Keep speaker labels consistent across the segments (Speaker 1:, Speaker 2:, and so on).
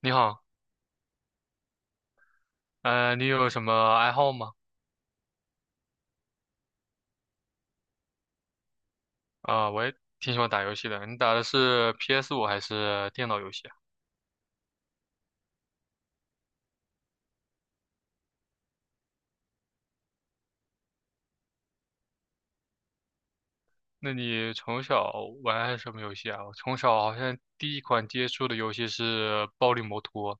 Speaker 1: 你好，你有什么爱好吗？啊，我也挺喜欢打游戏的。你打的是 PS5还是电脑游戏啊？那你从小玩什么游戏啊？我从小好像第一款接触的游戏是《暴力摩托》。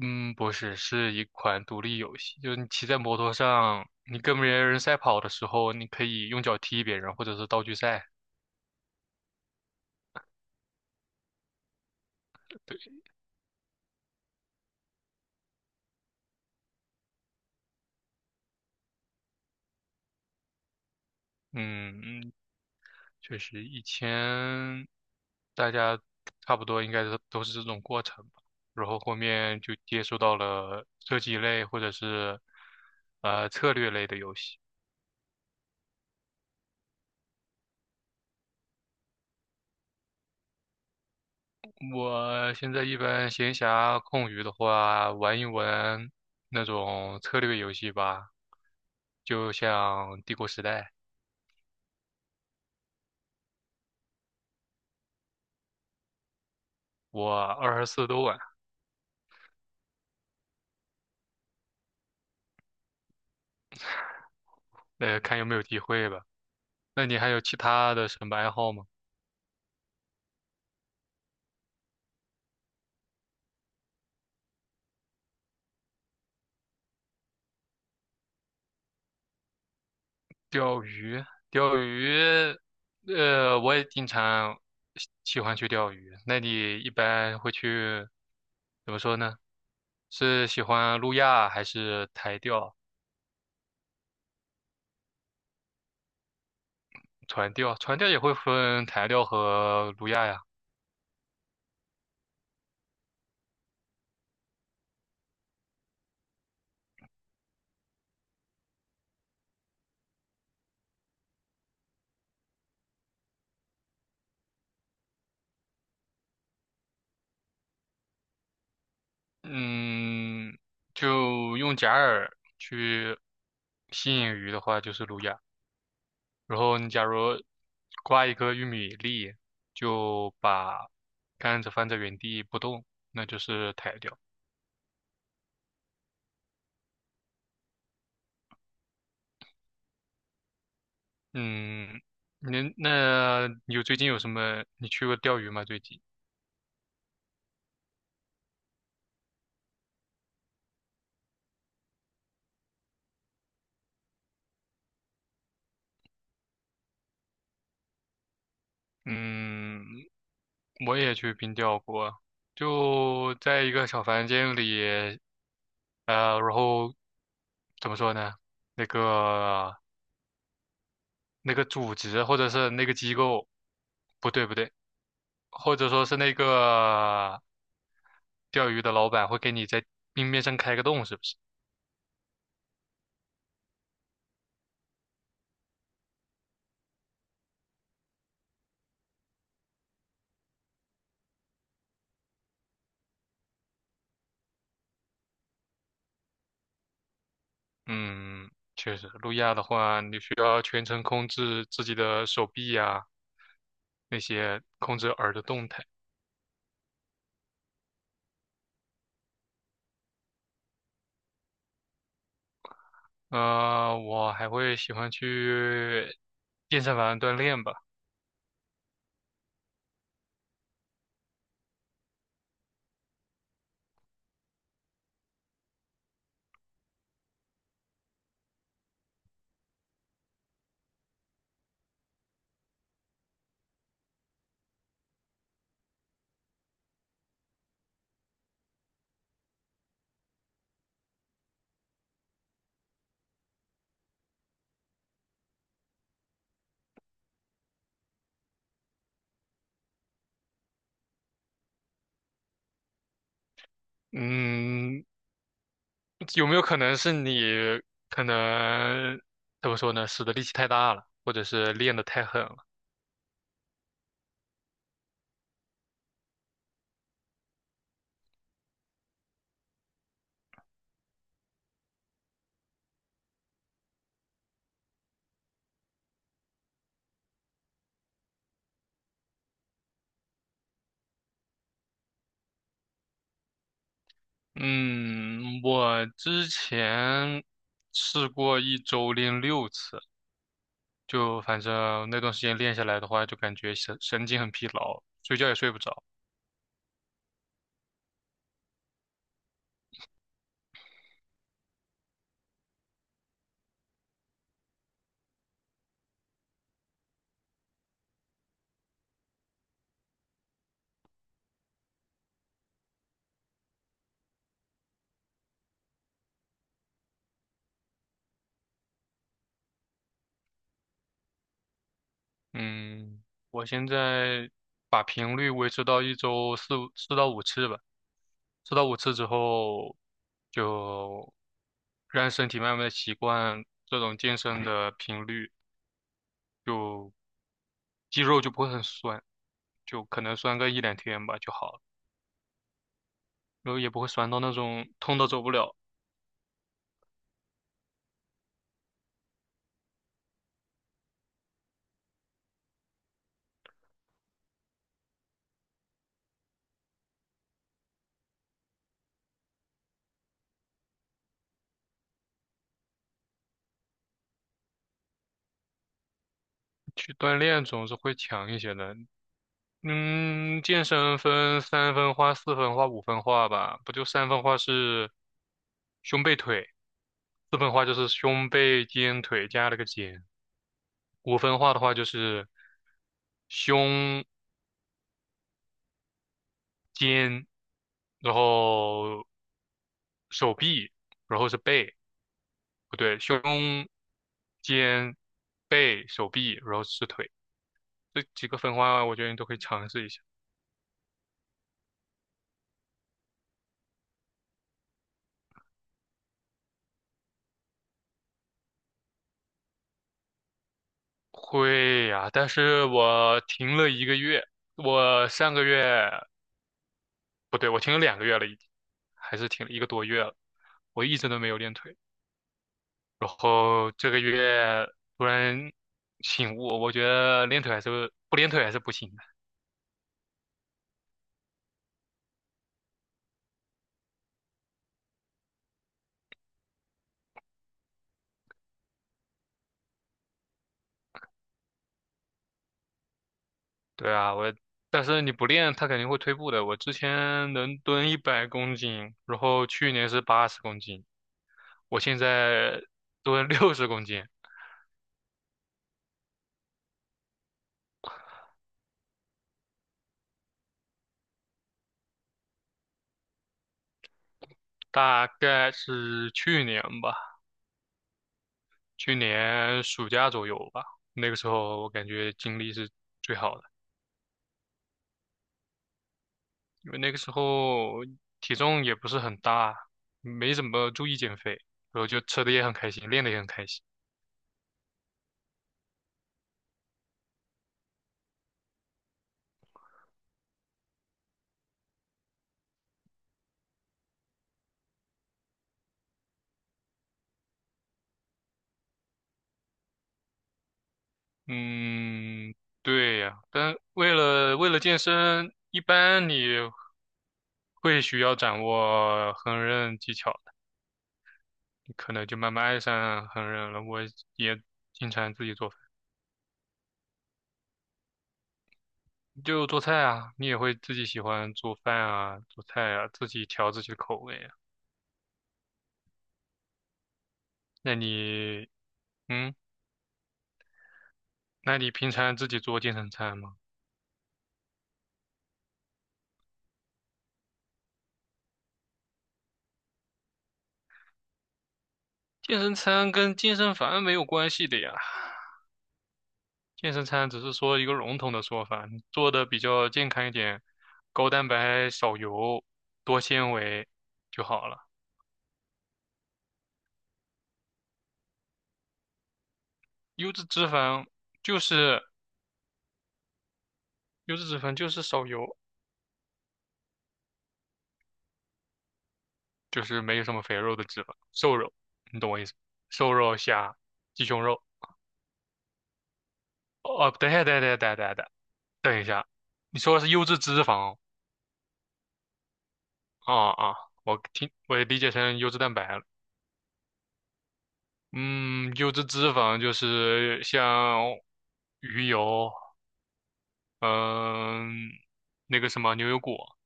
Speaker 1: 嗯，不是，是一款独立游戏，就是你骑在摩托上，你跟别人赛跑的时候，你可以用脚踢别人，或者是道具赛。对。嗯，确实，以前大家差不多应该都是这种过程吧，然后后面就接触到了设计类或者是策略类的游戏。我现在一般闲暇空余的话，玩一玩那种策略游戏吧，就像《帝国时代》，我24都玩。看有没有机会吧。那你还有其他的什么爱好吗？钓鱼，钓鱼。我也经常喜欢去钓鱼。那你一般会去，怎么说呢？是喜欢路亚还是台钓、船钓？船钓也会分台钓和路亚呀。嗯，就用假饵去吸引鱼的话，就是路亚。然后你假如挂一个玉米粒，就把杆子放在原地不动，那就是台钓。嗯，那有最近有什么？你去过钓鱼吗？最近？嗯，我也去冰钓过，就在一个小房间里。然后怎么说呢？那个那个组织或者是那个机构，不对不对，或者说是那个钓鱼的老板会给你在冰面上开个洞，是不是？嗯，确实，路亚的话，你需要全程控制自己的手臂呀、那些控制耳的动态。我还会喜欢去健身房锻炼吧。嗯，有没有可能是你可能怎么说呢？使的力气太大了，或者是练得太狠了？嗯，我之前试过一周练6次，就反正那段时间练下来的话，就感觉神经很疲劳，睡觉也睡不着。嗯，我现在把频率维持到一周四五四到五次吧，四到五次之后，就让身体慢慢的习惯这种健身的频率，就肌肉就不会很酸，就可能酸个一两天吧就好了，然后也不会酸到那种痛到走不了。去锻炼总是会强一些的。嗯，健身分三分化、四分化、五分化吧，不就三分化是胸背腿。四分化就是胸、背、肩、腿加了个肩。五分化的话就是胸、肩，然后手臂，然后是背，不对，胸、肩、背、手臂，然后是腿。这几个分化我觉得你都可以尝试一下。会呀，但是我停了一个月，我上个月，不对，我停了2个月了，已经，还是停了一个多月了，我一直都没有练腿。然后这个月突然醒悟，我觉得练腿还是不练腿还是不行的。对啊，但是你不练，它肯定会退步的。我之前能蹲100公斤，然后去年是80公斤，我现在蹲60公斤。大概是去年吧，去年暑假左右吧，那个时候我感觉精力是最好的。因为那个时候体重也不是很大，没怎么注意减肥，然后就吃的也很开心，练的也很开心。嗯，对呀，但为了健身，一般你会需要掌握烹饪技巧的，你可能就慢慢爱上烹饪了。我也经常自己做饭，就做菜啊，你也会自己喜欢做饭啊，做菜啊，自己调自己的口味啊。那你，嗯，那你平常自己做健身餐吗？健身餐跟健身房没有关系的呀，健身餐只是说一个笼统的说法，做的比较健康一点，高蛋白、少油、多纤维就好了。优质脂肪就是优质脂肪就是少油，就是没有什么肥肉的脂肪，瘦肉，你懂我意思？瘦肉、虾、鸡胸肉。哦，等一下，等一下，等一下，等一下，等一下，你说的是优质脂肪。哦啊啊，我听我也理解成优质蛋白了。嗯，优质脂肪就是像鱼油，嗯，那个什么牛油果，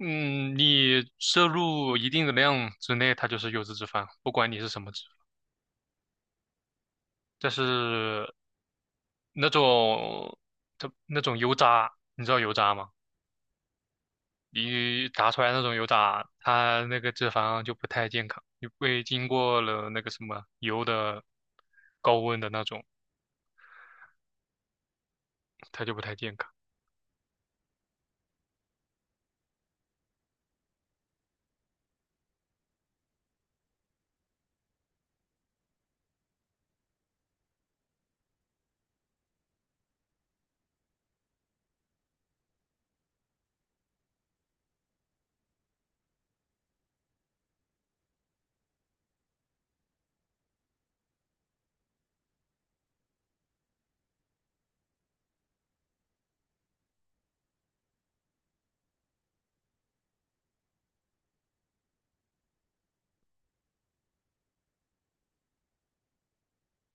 Speaker 1: 嗯，你摄入一定的量之内，它就是优质脂肪，不管你是什么脂肪。但是那种，它那种油渣，你知道油渣吗？你炸出来那种油渣，它那个脂肪就不太健康，因为经过了那个什么油的高温的那种，它就不太健康。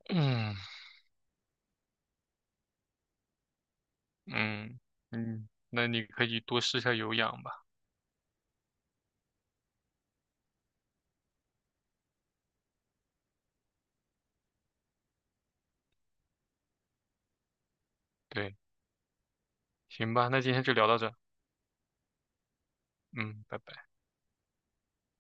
Speaker 1: 嗯。嗯嗯，那你可以多试一下有氧吧。对，行吧，那今天就聊到这儿。嗯，拜拜。